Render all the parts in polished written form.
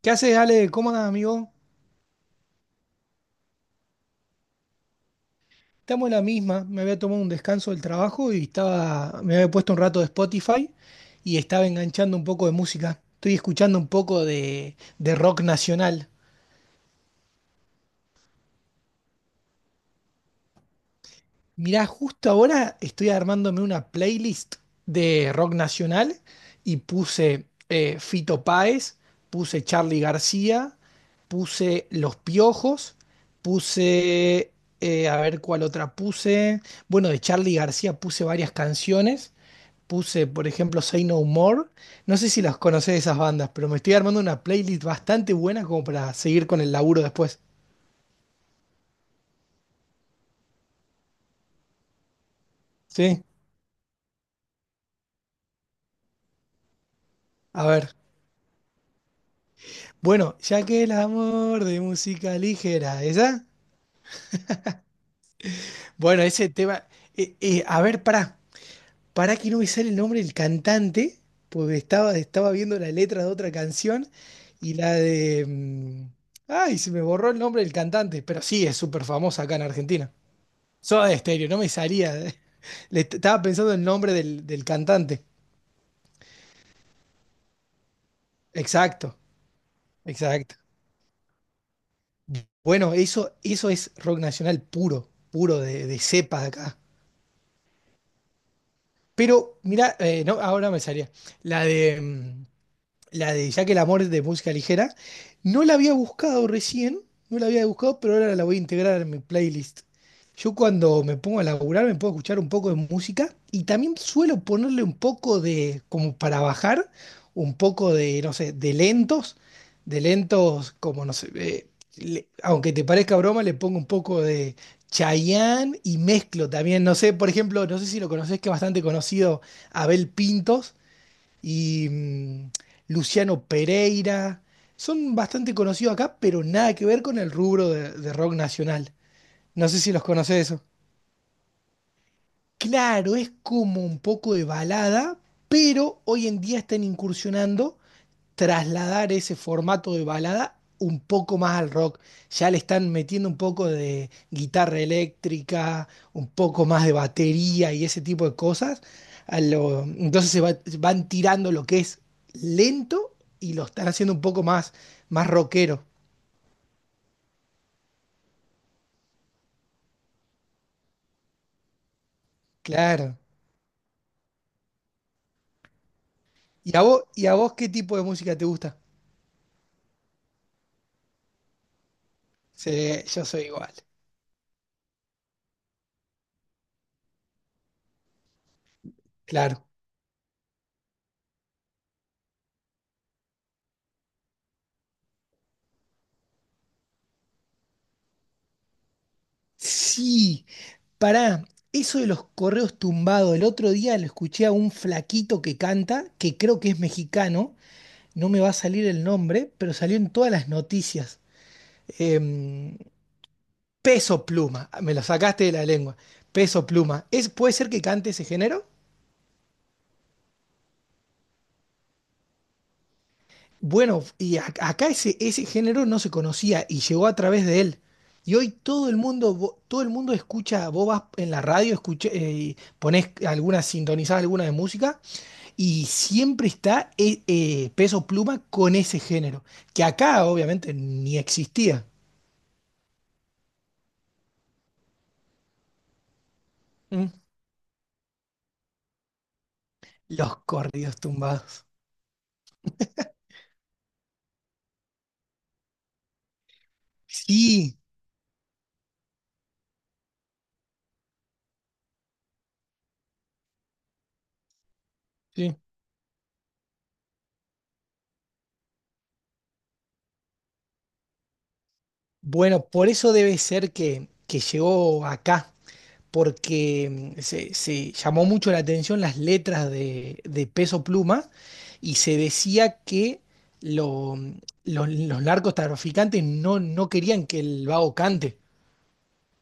¿Qué haces, Ale? ¿Cómo andas, amigo? Estamos en la misma. Me había tomado un descanso del trabajo y estaba, me había puesto un rato de Spotify y estaba enganchando un poco de música. Estoy escuchando un poco de rock nacional. Mirá, justo ahora estoy armándome una playlist de rock nacional y puse Fito Páez, puse Charly García, puse Los Piojos, puse, a ver cuál otra puse. Bueno, de Charly García puse varias canciones. Puse, por ejemplo, Say No More. No sé si las conocés esas bandas, pero me estoy armando una playlist bastante buena como para seguir con el laburo después. Sí, a ver. Bueno, ya que el amor de música ligera, ¿esa? Bueno, ese tema. A ver, pará que no me sale el nombre del cantante, porque estaba viendo la letra de otra canción y la de. Ay, se me borró el nombre del cantante, pero sí, es súper famosa acá en Argentina. Soda Stereo, no me salía. Estaba pensando el nombre del cantante. Exacto, exacto. Bueno, eso es rock nacional puro, puro de cepa de acá. Pero mira, no, ahora me salía. La de. La de Ya que el amor es de música ligera. No la había buscado recién, no la había buscado, pero ahora la voy a integrar en mi playlist. Yo cuando me pongo a laburar me puedo escuchar un poco de música y también suelo ponerle un poco de, como para bajar, un poco de, no sé, de lentos como, no sé, le- aunque te parezca broma, le pongo un poco de Chayanne y mezclo también, no sé, por ejemplo, no sé si lo conoces, que es bastante conocido, Abel Pintos y Luciano Pereira. Son bastante conocidos acá, pero nada que ver con el rubro de rock nacional. No sé si los conoces eso. Claro, es como un poco de balada, pero hoy en día están incursionando trasladar ese formato de balada un poco más al rock. Ya le están metiendo un poco de guitarra eléctrica, un poco más de batería y ese tipo de cosas. A lo- entonces se va- van tirando lo que es lento y lo están haciendo un poco más, más rockero. Claro. Y a vos qué tipo de música te gusta? Sí, yo soy igual. Claro. Sí. Pará, eso de los correos tumbados, el otro día lo escuché a un flaquito que canta, que creo que es mexicano, no me va a salir el nombre, pero salió en todas las noticias. Em, Peso Pluma, me lo sacaste de la lengua. Peso Pluma, ¿es, ¿puede ser que cante ese género? Bueno, y a- acá ese, ese género no se conocía y llegó a través de él. Y hoy todo el mundo, vo- todo el mundo escucha, vos vas en la radio, escuché, y ponés alguna, sintonizás alguna de música. Y siempre está Peso Pluma con ese género, que acá obviamente ni existía. Mm. Los corridos tumbados. Sí, sí. Bueno, por eso debe ser que llegó acá, porque se, se llamó mucho la atención las letras de Peso Pluma y se decía que lo- los narcotraficantes no querían que el vago cante.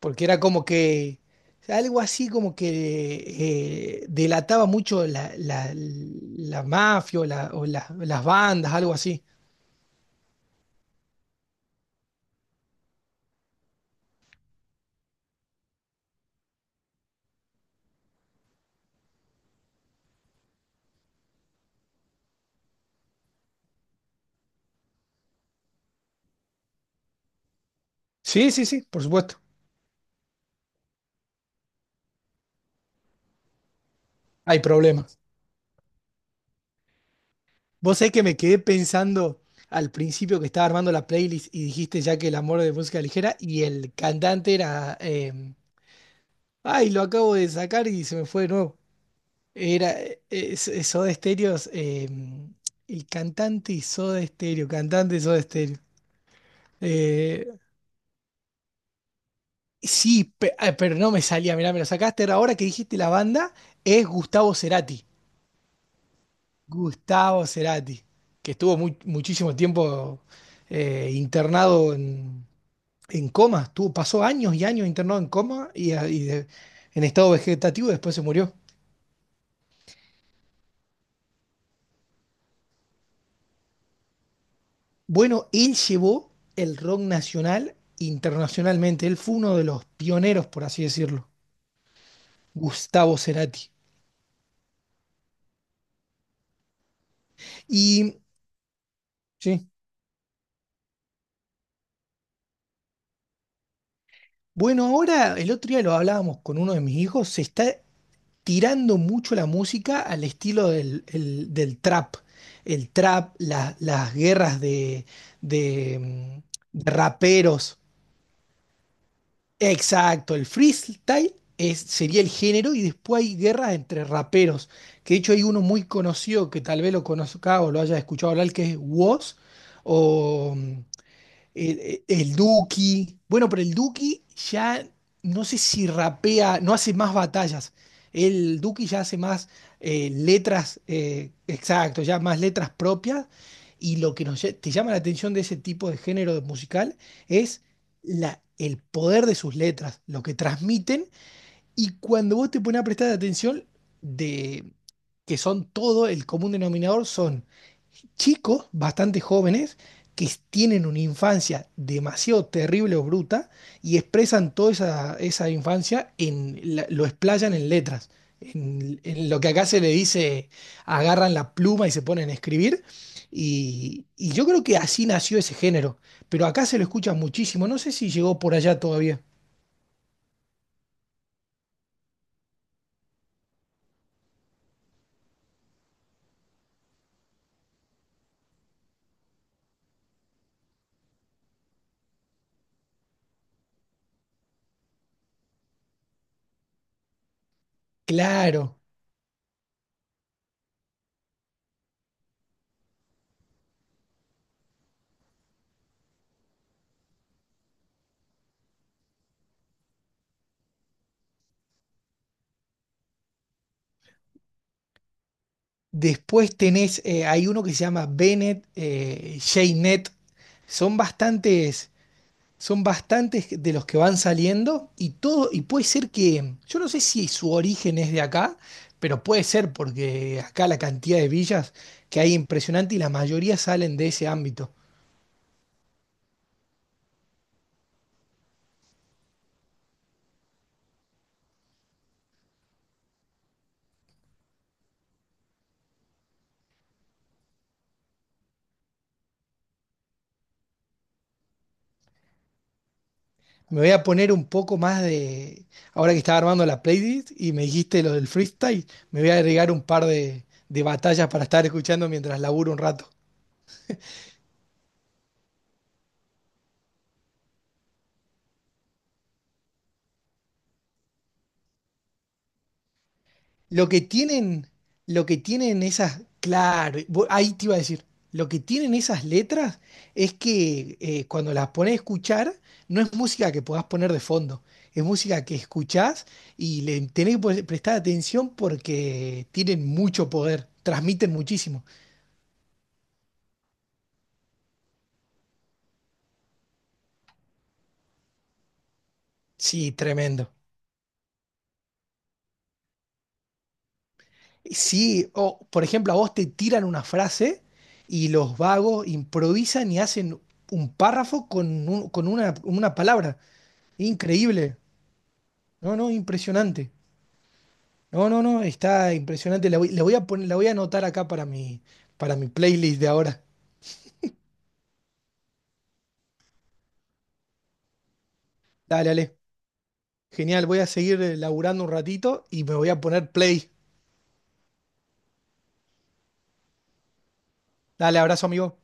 Porque era como que algo así como que delataba mucho la, la, la mafia o la- las bandas, algo así. Sí, sí, sí, por supuesto, hay problemas. Vos sabés que me quedé pensando al principio que estaba armando la playlist y dijiste ya que el amor de música ligera y el cantante era... ay, lo acabo de sacar y se me fue de nuevo. Era eso de Soda Stereo, el cantante y Soda Stereo, cantante y Soda Stereo. Eh, Sí, pero no me salía, mirá, me lo sacaste. Ahora que dijiste la banda, es Gustavo Cerati. Gustavo Cerati, que estuvo muchísimo tiempo internado en coma. Estuvo, pasó años y años internado en coma en estado vegetativo, y después se murió. Bueno, él llevó el rock nacional internacionalmente. Él fue uno de los pioneros, por así decirlo. Gustavo Cerati. Y sí. Bueno, ahora el otro día lo hablábamos con uno de mis hijos, se está tirando mucho la música al estilo del trap. El trap, la- las guerras de de raperos. Exacto, el freestyle es, sería el género y después hay guerras entre raperos. Que de hecho hay uno muy conocido que tal vez lo conozca o lo haya escuchado hablar que es Woz o el Duki. Bueno, pero el Duki ya no sé si rapea, no hace más batallas. El Duki ya hace más letras, exacto, ya más letras propias. Y lo que nos, lle- te llama la atención de ese tipo de género de musical es la, el poder de sus letras, lo que transmiten. Y cuando vos te pones a prestar atención, de que son todo, el común denominador son chicos, bastante jóvenes, que tienen una infancia demasiado terrible o bruta y expresan toda esa, esa infancia, en, la- lo explayan en letras. En lo que acá se le dice, agarran la pluma y se ponen a escribir. Y yo creo que así nació ese género. Pero acá se lo escucha muchísimo. No sé si llegó por allá todavía. Claro. Después tenés, hay uno que se llama Bennett, Jaynet. Son bastantes. Son bastantes de los que van saliendo y todo, y puede ser que, yo no sé si su origen es de acá, pero puede ser porque acá la cantidad de villas que hay impresionante y la mayoría salen de ese ámbito. Me voy a poner un poco más de, ahora que estaba armando la playlist y me dijiste lo del freestyle, me voy a agregar un par de batallas para estar escuchando mientras laburo un rato. Lo que tienen, lo que tienen esas, claro, vo- ahí te iba a decir, lo que tienen esas letras es que cuando las pones a escuchar, no es música que puedas poner de fondo, es música que escuchás y le tenés que pre- prestar atención porque tienen mucho poder, transmiten muchísimo. Sí, tremendo. Sí, o por ejemplo, a vos te tiran una frase y los vagos improvisan y hacen un párrafo con, un- con una palabra. Increíble. No, no, impresionante. No, no, no, está impresionante. La voy a poner, la voy a anotar acá para mi playlist de ahora. Dale, dale. Genial, voy a seguir laburando un ratito y me voy a poner play. Dale, abrazo, amigo.